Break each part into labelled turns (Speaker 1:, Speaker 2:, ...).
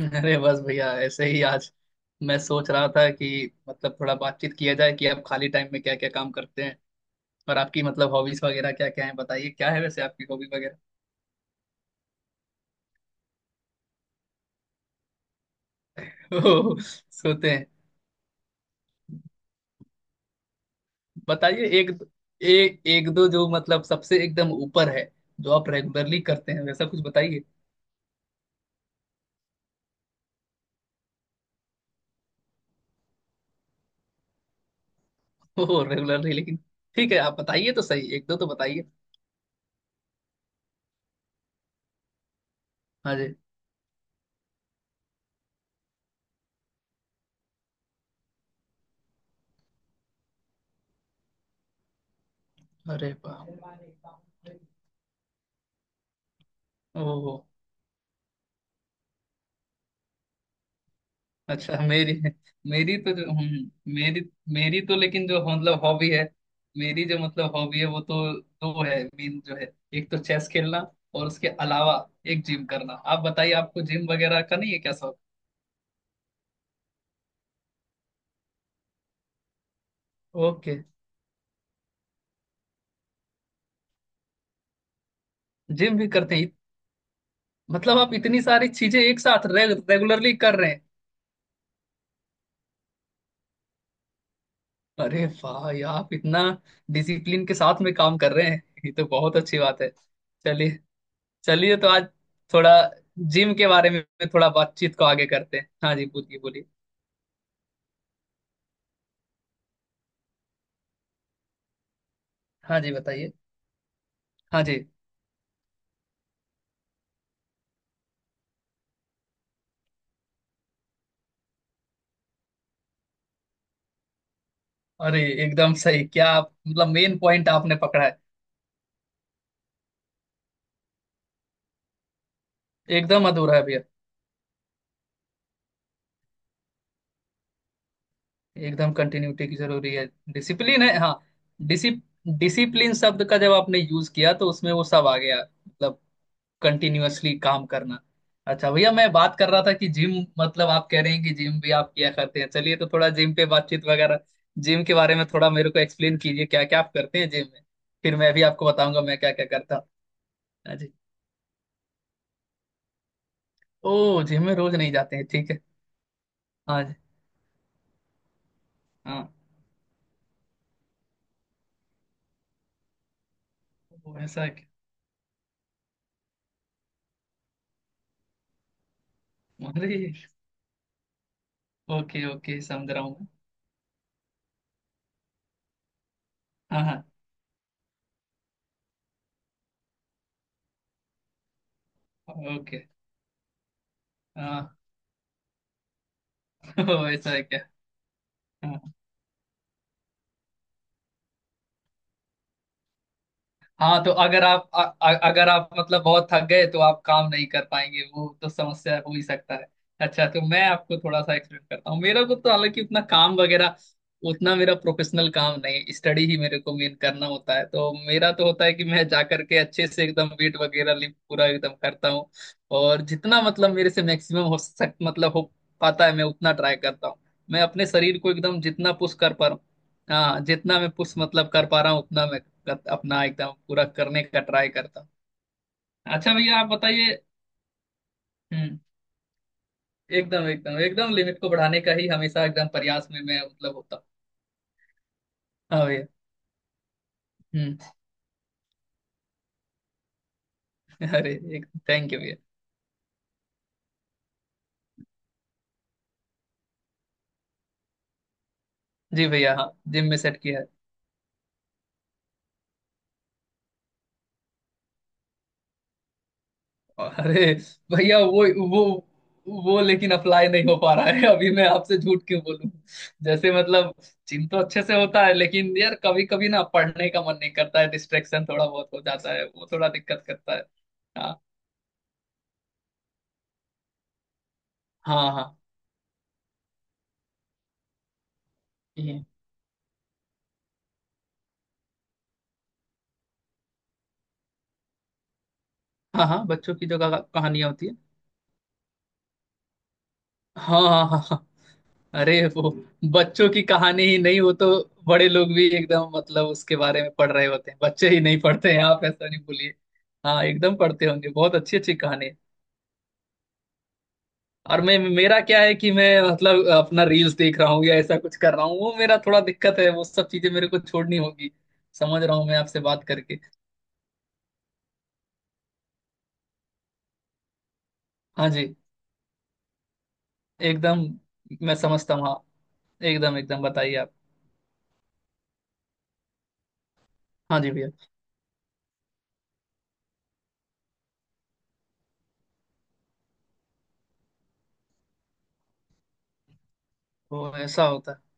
Speaker 1: अरे बस भैया ऐसे ही आज मैं सोच रहा था कि मतलब थोड़ा बातचीत किया जाए कि आप खाली टाइम में क्या क्या काम करते हैं। और आपकी मतलब हॉबीज वगैरह क्या क्या है, बताइए क्या है वैसे आपकी हॉबी वगैरह। ओह, सोते हैं। बताइए एक। एक दो जो मतलब सबसे एकदम ऊपर है, जो आप रेगुलरली करते हैं वैसा कुछ बताइए। ओह रेगुलरली, लेकिन ठीक है आप बताइए तो सही, एक दो तो बताइए। हाँ जी। अरे वाह। ओह। अच्छा मेरी। मेरी तो जो मेरी मेरी तो लेकिन जो मतलब हॉबी है, मेरी जो मतलब हॉबी है वो तो दो है मेन जो है। एक तो चेस खेलना, और उसके अलावा एक जिम करना। आप बताइए, आपको जिम वगैरह का नहीं है क्या शौक? ओके। जिम भी करते हैं? मतलब आप इतनी सारी चीजें एक साथ रेगुलरली कर रहे हैं? अरे वाह, ये आप इतना डिसिप्लिन के साथ में काम कर रहे हैं, ये तो बहुत अच्छी बात है। चलिए। चलिए तो आज थोड़ा जिम के बारे में थोड़ा बातचीत को आगे करते हैं। हाँ जी पूछिए बोलिए। हाँ जी बताइए। हाँ जी। अरे एकदम सही, क्या आप मतलब मेन पॉइंट आपने पकड़ा है। एकदम अधूरा है भैया। एकदम कंटिन्यूटी की जरूरी है। डिसिप्लिन है हाँ। डिसिप डिसिप्लिन शब्द का जब आपने यूज किया तो उसमें वो सब आ गया, मतलब कंटिन्यूअसली काम करना। अच्छा भैया, मैं बात कर रहा था कि जिम, मतलब आप कह रहे हैं कि जिम भी आप किया करते हैं, चलिए तो थोड़ा जिम पे बातचीत वगैरह। जिम के बारे में थोड़ा मेरे को एक्सप्लेन कीजिए, क्या क्या आप करते हैं जिम में, फिर मैं भी आपको बताऊंगा मैं क्या क्या करता हूँ। हाँ जी। ओ जिम में रोज नहीं जाते हैं, ठीक है। हाँ जी। हाँ। ओ, ऐसा है क्या? अरे। ओके ओके, समझ रहा हूँ मैं। हाँ। हाँ ओके। हाँ। ओ, ऐसा है क्या? हाँ। हाँ तो अगर आप अगर आप मतलब बहुत थक गए तो आप काम नहीं कर पाएंगे, वो तो समस्या हो ही सकता है। अच्छा तो मैं आपको थोड़ा सा एक्सप्लेन करता हूँ, मेरा को तो हालांकि उतना काम वगैरह, उतना मेरा प्रोफेशनल काम नहीं, स्टडी ही मेरे को मेन करना होता है, तो मेरा तो होता है कि मैं जा करके अच्छे से एकदम वेट वगैरह लिफ्ट पूरा एकदम करता हूँ। और जितना मतलब मेरे से मैक्सिमम हो सक मतलब हो पाता है मैं उतना ट्राई करता हूँ। मैं अपने शरीर को एकदम जितना पुश कर पा रहा हूँ। हाँ जितना मैं पुश मतलब कर पा रहा हूँ उतना मैं अपना एकदम पूरा करने का ट्राई करता हूँ। अच्छा भैया आप बताइए। हम्म। एकदम एकदम एकदम लिमिट को बढ़ाने का ही हमेशा एकदम प्रयास में मैं मतलब होता हूँ। हाँ भैया। हम्म। अरे एक थैंक यू भैया। जी भैया, हाँ जिम में सेट किया है। अरे भैया, वो वो लेकिन अप्लाई नहीं हो पा रहा है, अभी मैं आपसे झूठ क्यों बोलूं। जैसे मतलब जिम तो अच्छे से होता है, लेकिन यार कभी कभी ना पढ़ने का मन नहीं करता है, डिस्ट्रेक्शन थोड़ा बहुत हो जाता है, वो थोड़ा दिक्कत करता है। हाँ हाँ। हाँ हाँ हाँ बच्चों की जो कहानियां होती है। हाँ हाँ हाँ हाँ। अरे वो बच्चों की कहानी ही नहीं हो तो, बड़े लोग भी एकदम मतलब उसके बारे में पढ़ रहे होते हैं, बच्चे ही नहीं पढ़ते हैं, आप ऐसा नहीं बोलिए। हाँ एकदम पढ़ते होंगे, बहुत अच्छी अच्छी कहानी है। और मैं मेरा क्या है कि मैं मतलब अपना रील्स देख रहा हूँ या ऐसा कुछ कर रहा हूँ, वो मेरा थोड़ा दिक्कत है, वो सब चीजें मेरे को छोड़नी होगी। समझ रहा हूँ मैं आपसे बात करके। हाँ जी। एकदम। मैं समझता हूँ हाँ। एकदम एकदम बताइए आप। हाँ जी भैया। तो ऐसा होता है।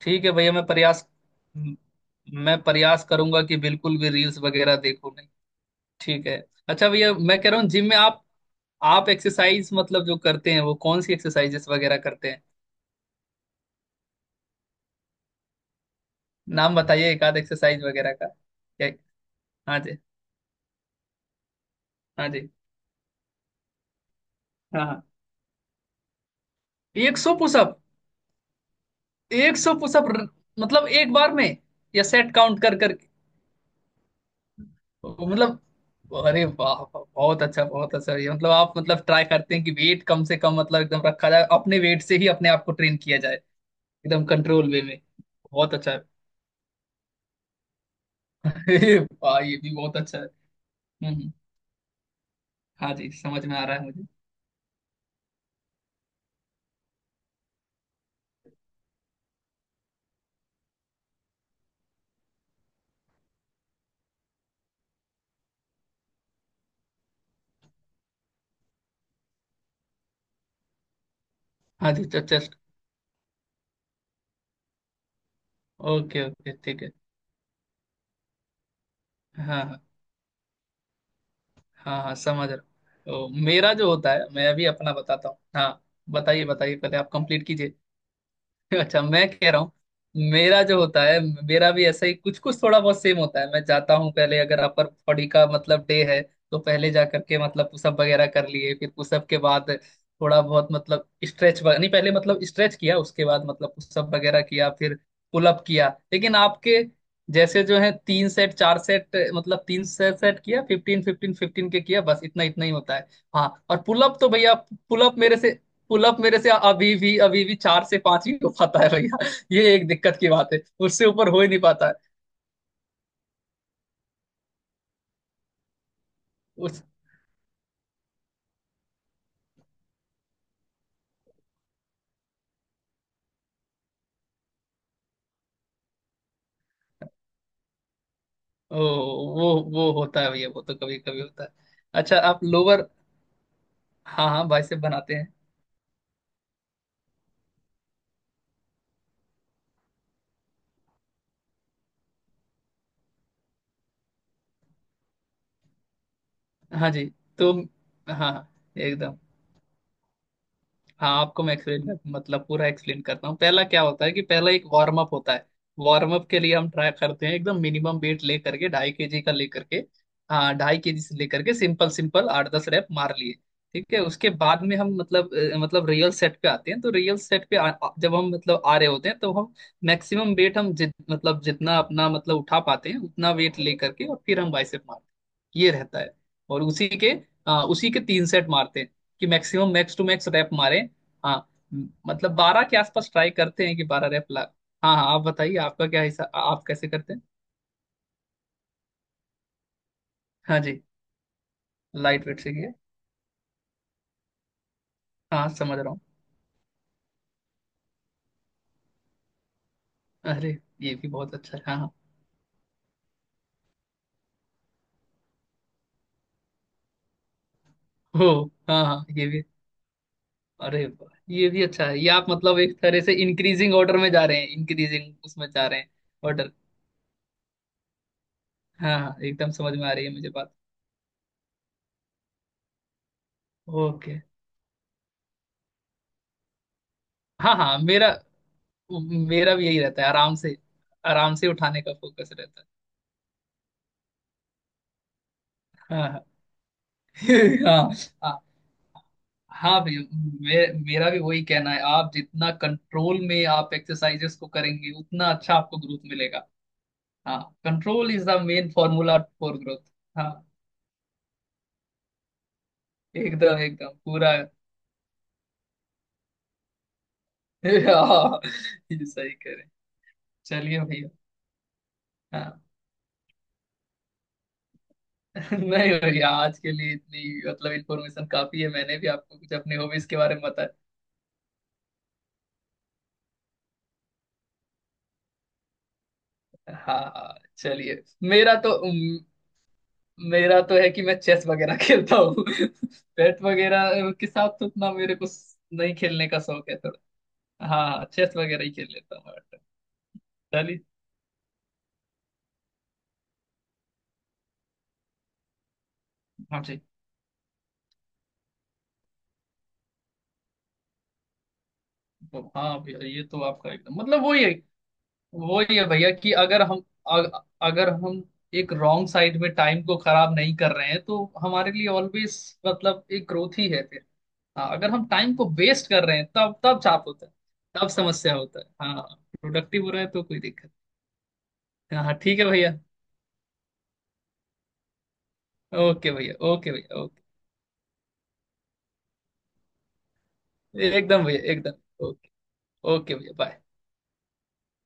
Speaker 1: ठीक है भैया मैं प्रयास, म- मैं प्रयास करूंगा कि बिल्कुल भी रील्स वगैरह देखूं नहीं। ठीक है। अच्छा भैया मैं कह रहा हूँ जिम में आप एक्सरसाइज मतलब जो करते हैं वो कौन सी एक्सरसाइजेस वगैरह करते हैं? नाम बताइए, एक आध एक्सरसाइज वगैरह का हाँ जी। हाँ जी। हाँ एक सौ पुशअप। एक सौ पुशअप मतलब एक बार में या सेट काउंट कर कर? मतलब अरे वाह वाह, बहुत अच्छा बहुत अच्छा, ये मतलब आप मतलब ट्राई करते हैं कि वेट कम से कम मतलब एकदम रखा जाए, अपने वेट से ही अपने आप को ट्रेन किया जाए, एकदम कंट्रोल वे में। बहुत अच्छा है। अरे वाह, ये भी बहुत अच्छा है। हम्म हम्म, हाँ जी समझ में आ रहा है मुझे। हाँ जी चेस्ट। ओके ओके ठीक है। हाँ हाँ। हाँ हाँ समझ रहा हूँ। तो मेरा जो होता है मैं अभी अपना बताता हूँ, हाँ बताइए बताइए पहले आप कंप्लीट कीजिए। अच्छा मैं कह रहा हूँ, मेरा जो होता है, मेरा भी ऐसा ही कुछ कुछ थोड़ा बहुत सेम होता है। मैं जाता हूँ पहले, अगर अपर बॉडी का मतलब डे है तो पहले जा करके मतलब पुशअप वगैरह कर लिए, फिर पुशअप के बाद थोड़ा बहुत मतलब स्ट्रेच नहीं, पहले मतलब स्ट्रेच किया उसके बाद मतलब पुशअप वगैरह किया, फिर पुलअप किया। लेकिन आपके जैसे जो है तीन सेट चार सेट मतलब तीन सेट सेट किया, फिफ्टीन फिफ्टीन फिफ्टीन के किया, बस इतना इतना ही होता है। हाँ और पुलअप तो भैया, पुलअप मेरे से पुलअप मेरे से अभी भी चार से पांच ही हो पाता है भैया, ये एक दिक्कत की बात है। उससे ऊपर हो ही नहीं पाता है। उस ओ, वो होता है भैया, वो तो कभी कभी होता है। अच्छा आप लोअर, हाँ हाँ बाइसेप बनाते हैं। हाँ जी। तो हाँ हाँ, एकदम। हाँ आपको मैं एक्सप्लेन मतलब पूरा एक्सप्लेन करता हूँ। पहला क्या होता है कि पहला एक वार्म अप होता है, वार्म अप के लिए हम ट्राई करते हैं एकदम मिनिमम वेट ले करके, ढाई केजी का ले करके। हाँ ढाई केजी से ले करके सिंपल सिंपल आठ दस रैप मार लिए, ठीक है उसके बाद में हम मतलब मतलब रियल सेट पे आते हैं, तो रियल सेट पे आ, आ- जब हम मतलब आ रहे होते हैं तो हम मैक्सिमम वेट हम जितना अपना मतलब उठा पाते हैं उतना वेट ले करके, और फिर हम बाइसेप मारते हैं, ये रहता है। और उसी के उसी के तीन सेट मारते हैं कि maximum max to max rep मारे। हाँ। मतलब बारह के आसपास ट्राई करते हैं कि बारह रैप ला। हाँ हाँ आप बताइए आपका क्या हिसाब, आप कैसे करते हैं? हाँ जी। लाइट वेट से किया। हाँ समझ रहा हूँ। अरे ये भी बहुत अच्छा है हाँ हाँ। हो हाँ हाँ ये भी। अरे वाह, ये भी अच्छा है, ये आप मतलब एक तरह से इंक्रीजिंग ऑर्डर में जा रहे हैं, इंक्रीजिंग उसमें जा रहे हैं। ऑर्डर। हाँ हाँ एकदम समझ में आ रही है मुझे बात। ओके। हाँ हाँ मेरा, मेरा भी यही रहता है आराम से, आराम से उठाने का फोकस रहता है। हाँ हाँ। हाँ। हाँ भैया मेरा भी वही कहना है, आप जितना कंट्रोल में आप एक्सरसाइजेस को करेंगे उतना अच्छा आपको ग्रोथ मिलेगा। हाँ, control is the main formula for growth. हाँ। एकदम एकदम पूरा। हाँ, ये सही करें। चलिए भैया। हाँ। नहीं भैया, आज के लिए इतनी मतलब इन्फॉर्मेशन काफी है, मैंने भी आपको कुछ अपने हॉबीज के बारे में बताया। हाँ हाँ, चलिए। मेरा तो, मेरा तो है कि मैं चेस वगैरह खेलता हूँ, बैट वगैरह के साथ तो उतना मेरे को नहीं खेलने का शौक है थोड़ा। हाँ चेस वगैरह ही खेल लेता हूँ but। चलिए। हाँ जी। तो हाँ भैया, ये तो आपका एकदम मतलब वही है। वही है भैया कि अगर हम अगर हम एक रॉन्ग साइड में टाइम को खराब नहीं कर रहे हैं तो हमारे लिए ऑलवेज मतलब एक ग्रोथ ही है फिर। हाँ अगर हम टाइम को वेस्ट कर रहे हैं तब तब चाप होता है, तब समस्या होता है। हाँ। प्रोडक्टिव हो रहा है तो कोई दिक्कत। हाँ ठीक है भैया। ओके भैया ओके भैया। ओके एकदम भैया, एकदम ओके। ओके भैया बाय।